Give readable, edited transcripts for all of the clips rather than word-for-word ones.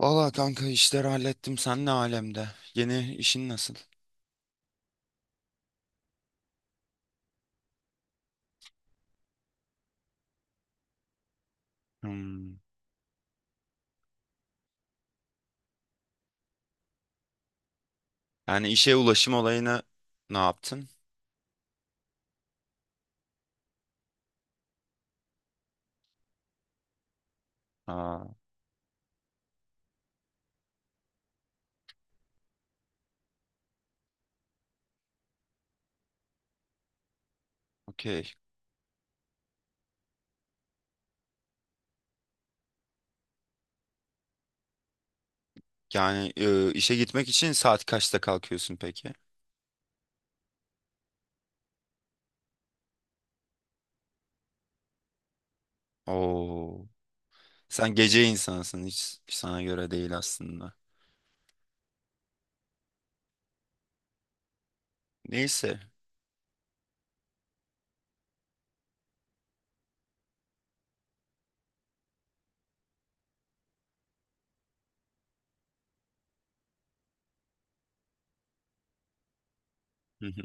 Valla kanka işleri hallettim. Sen ne alemde? Yeni işin nasıl? Hmm. Yani işe ulaşım olayını ne yaptın? Aa, okey. Yani işe gitmek için saat kaçta kalkıyorsun peki? Oo. Sen gece insansın. Hiç sana göre değil aslında. Neyse. Hı hı.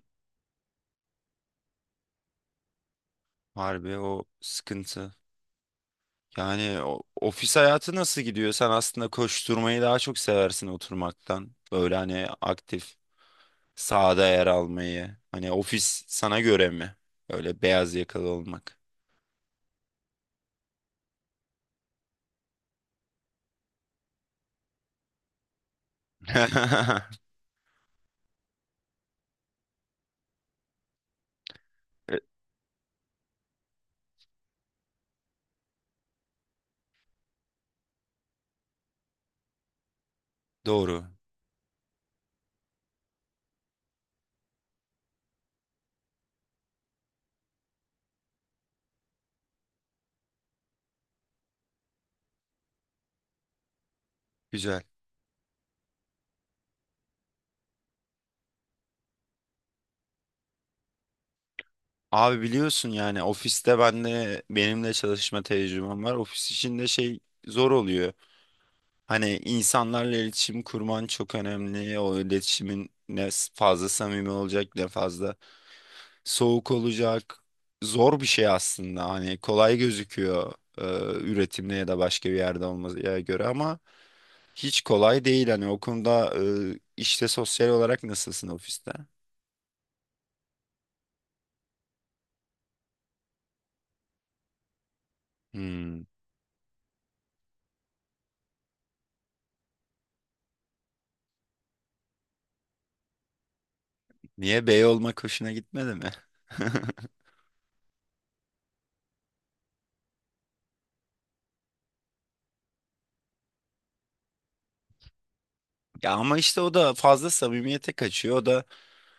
Harbi o sıkıntı. Yani ofis hayatı nasıl gidiyor? Sen aslında koşturmayı daha çok seversin oturmaktan. Böyle hani aktif. Sahada yer almayı. Hani ofis sana göre mi? Öyle beyaz yakalı olmak. E, Doğru. Güzel. Abi biliyorsun yani ofiste ben de benimle çalışma tecrübem var. Ofis içinde şey zor oluyor. Hani insanlarla iletişim kurman çok önemli. O iletişimin ne fazla samimi olacak, ne fazla soğuk olacak. Zor bir şey aslında. Hani kolay gözüküyor, e, üretimde ya da başka bir yerde olmaya göre, ama hiç kolay değil hani o konuda. İşte sosyal olarak nasılsın ofiste? Hmm. Niye, bey olmak hoşuna gitmedi mi? Ya ama işte o da fazla samimiyete kaçıyor. O da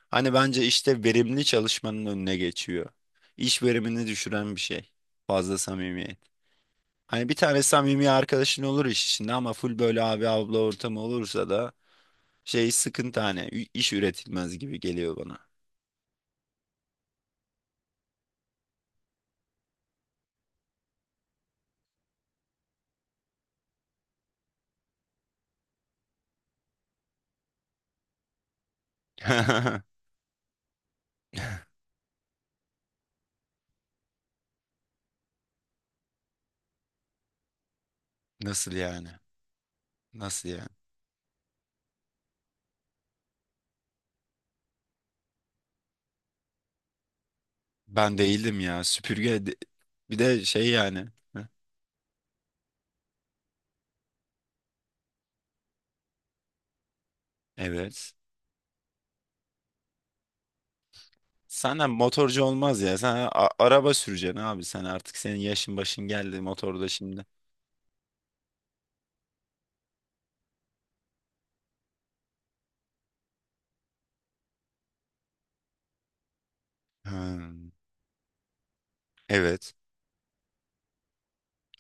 hani bence işte verimli çalışmanın önüne geçiyor. İş verimini düşüren bir şey. Fazla samimiyet. Hani bir tane samimi arkadaşın olur iş içinde ama full böyle abi abla ortamı olursa da şey, sıkıntı hani iş üretilmez gibi geliyor bana. Nasıl yani? Nasıl yani? Ben değildim ya. Süpürge bir de şey yani. Heh. Evet. Senden motorcu olmaz ya. Sen araba süreceksin abi. Sen artık, senin yaşın başın geldi motorda şimdi. Hmm. Evet.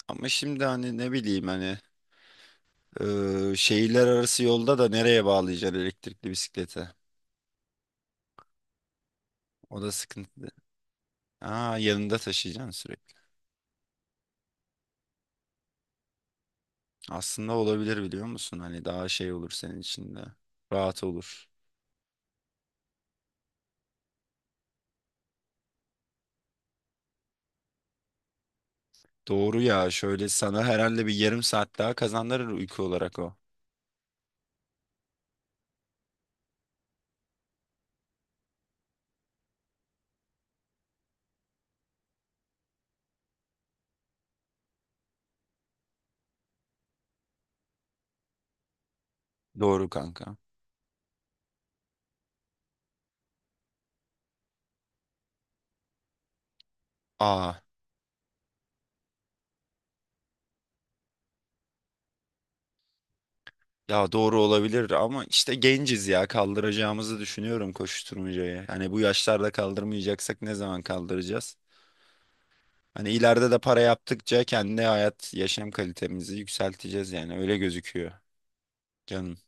Ama şimdi hani, ne bileyim, hani şehirler arası yolda da nereye bağlayacaksın elektrikli bisiklete? O da sıkıntı. Aa, yanında taşıyacaksın sürekli. Aslında olabilir, biliyor musun? Hani daha şey olur senin için de. Rahat olur. Doğru ya, şöyle sana herhalde bir yarım saat daha kazandırır uyku olarak o. Doğru kanka. Aa, ya doğru olabilir ama işte genciz ya, kaldıracağımızı düşünüyorum koşuşturmacayı. Hani bu yaşlarda kaldırmayacaksak ne zaman kaldıracağız? Hani ileride de para yaptıkça kendi hayat, yaşam kalitemizi yükselteceğiz, yani öyle gözüküyor canım.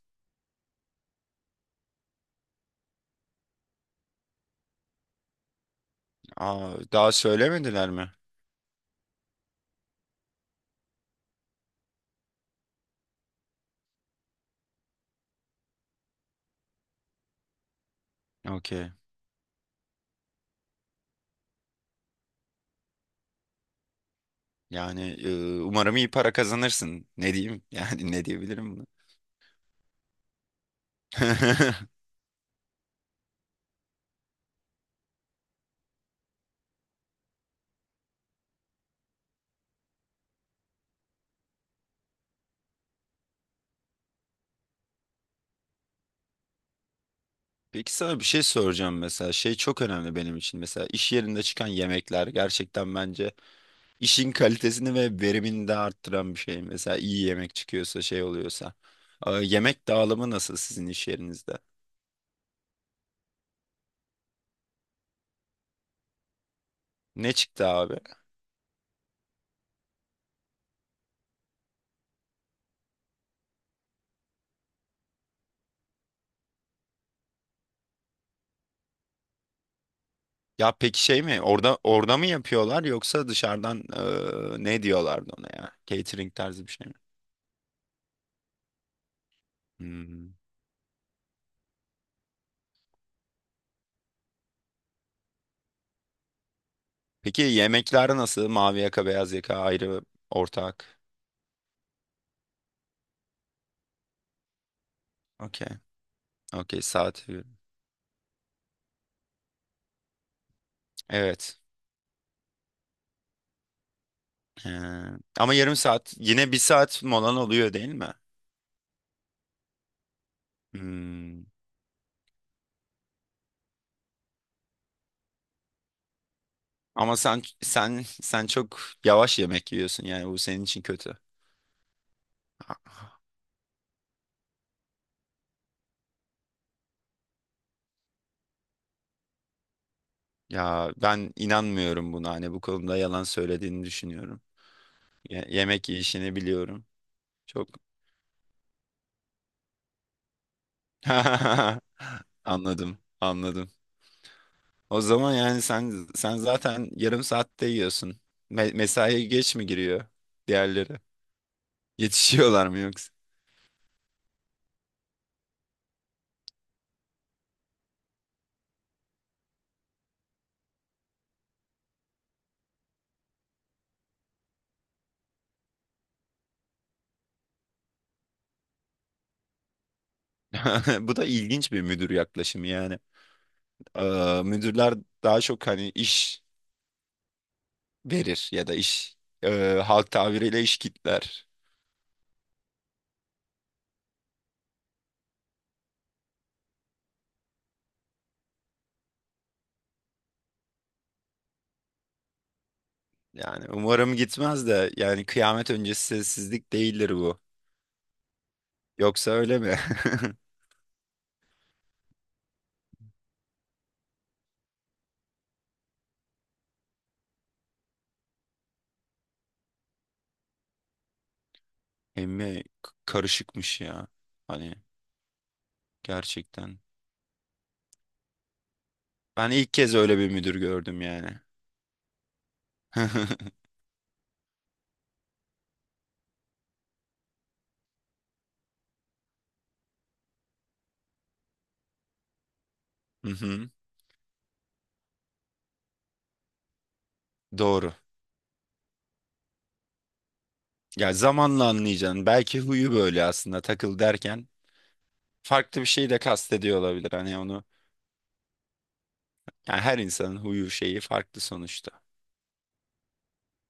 Aa, daha söylemediler mi? Okey. Yani umarım iyi para kazanırsın. Ne diyeyim? Yani ne diyebilirim buna? Peki sana bir şey soracağım. Mesela şey çok önemli benim için; mesela iş yerinde çıkan yemekler gerçekten bence işin kalitesini ve verimini de arttıran bir şey. Mesela iyi yemek çıkıyorsa, şey oluyorsa. Yemek dağılımı nasıl sizin iş yerinizde, ne çıktı abi? Ya peki, şey mi, orada orada mı yapıyorlar, yoksa dışarıdan? Ne diyorlardı ona, ya catering tarzı bir şey mi? Hmm. Peki yemekler nasıl, mavi yaka beyaz yaka ayrı, ortak? Okey. Okey, saat, evet. Ee, ama yarım saat yine bir saat molan oluyor değil mi? Hmm. Ama sen çok yavaş yemek yiyorsun, yani bu senin için kötü. Ya ben inanmıyorum buna, hani bu konuda yalan söylediğini düşünüyorum. Yemek yiyişini biliyorum. Çok. Anladım, anladım. O zaman yani sen zaten yarım saatte yiyorsun. Mesaiye geç mi giriyor diğerleri? Yetişiyorlar mı yoksa? Bu da ilginç bir müdür yaklaşımı yani. Müdürler daha çok hani iş verir ya da iş, e, halk tabiriyle, iş kitler. Yani umarım gitmez de, yani kıyamet öncesi sessizlik değildir bu. Yoksa öyle mi? Emmi karışıkmış ya. Hani gerçekten. Ben ilk kez öyle bir müdür gördüm yani. Hı hı. Doğru. Ya zamanla anlayacaksın. Belki huyu böyle aslında, takıl derken farklı bir şey de kastediyor olabilir. Hani onu, yani her insanın huyu şeyi farklı sonuçta.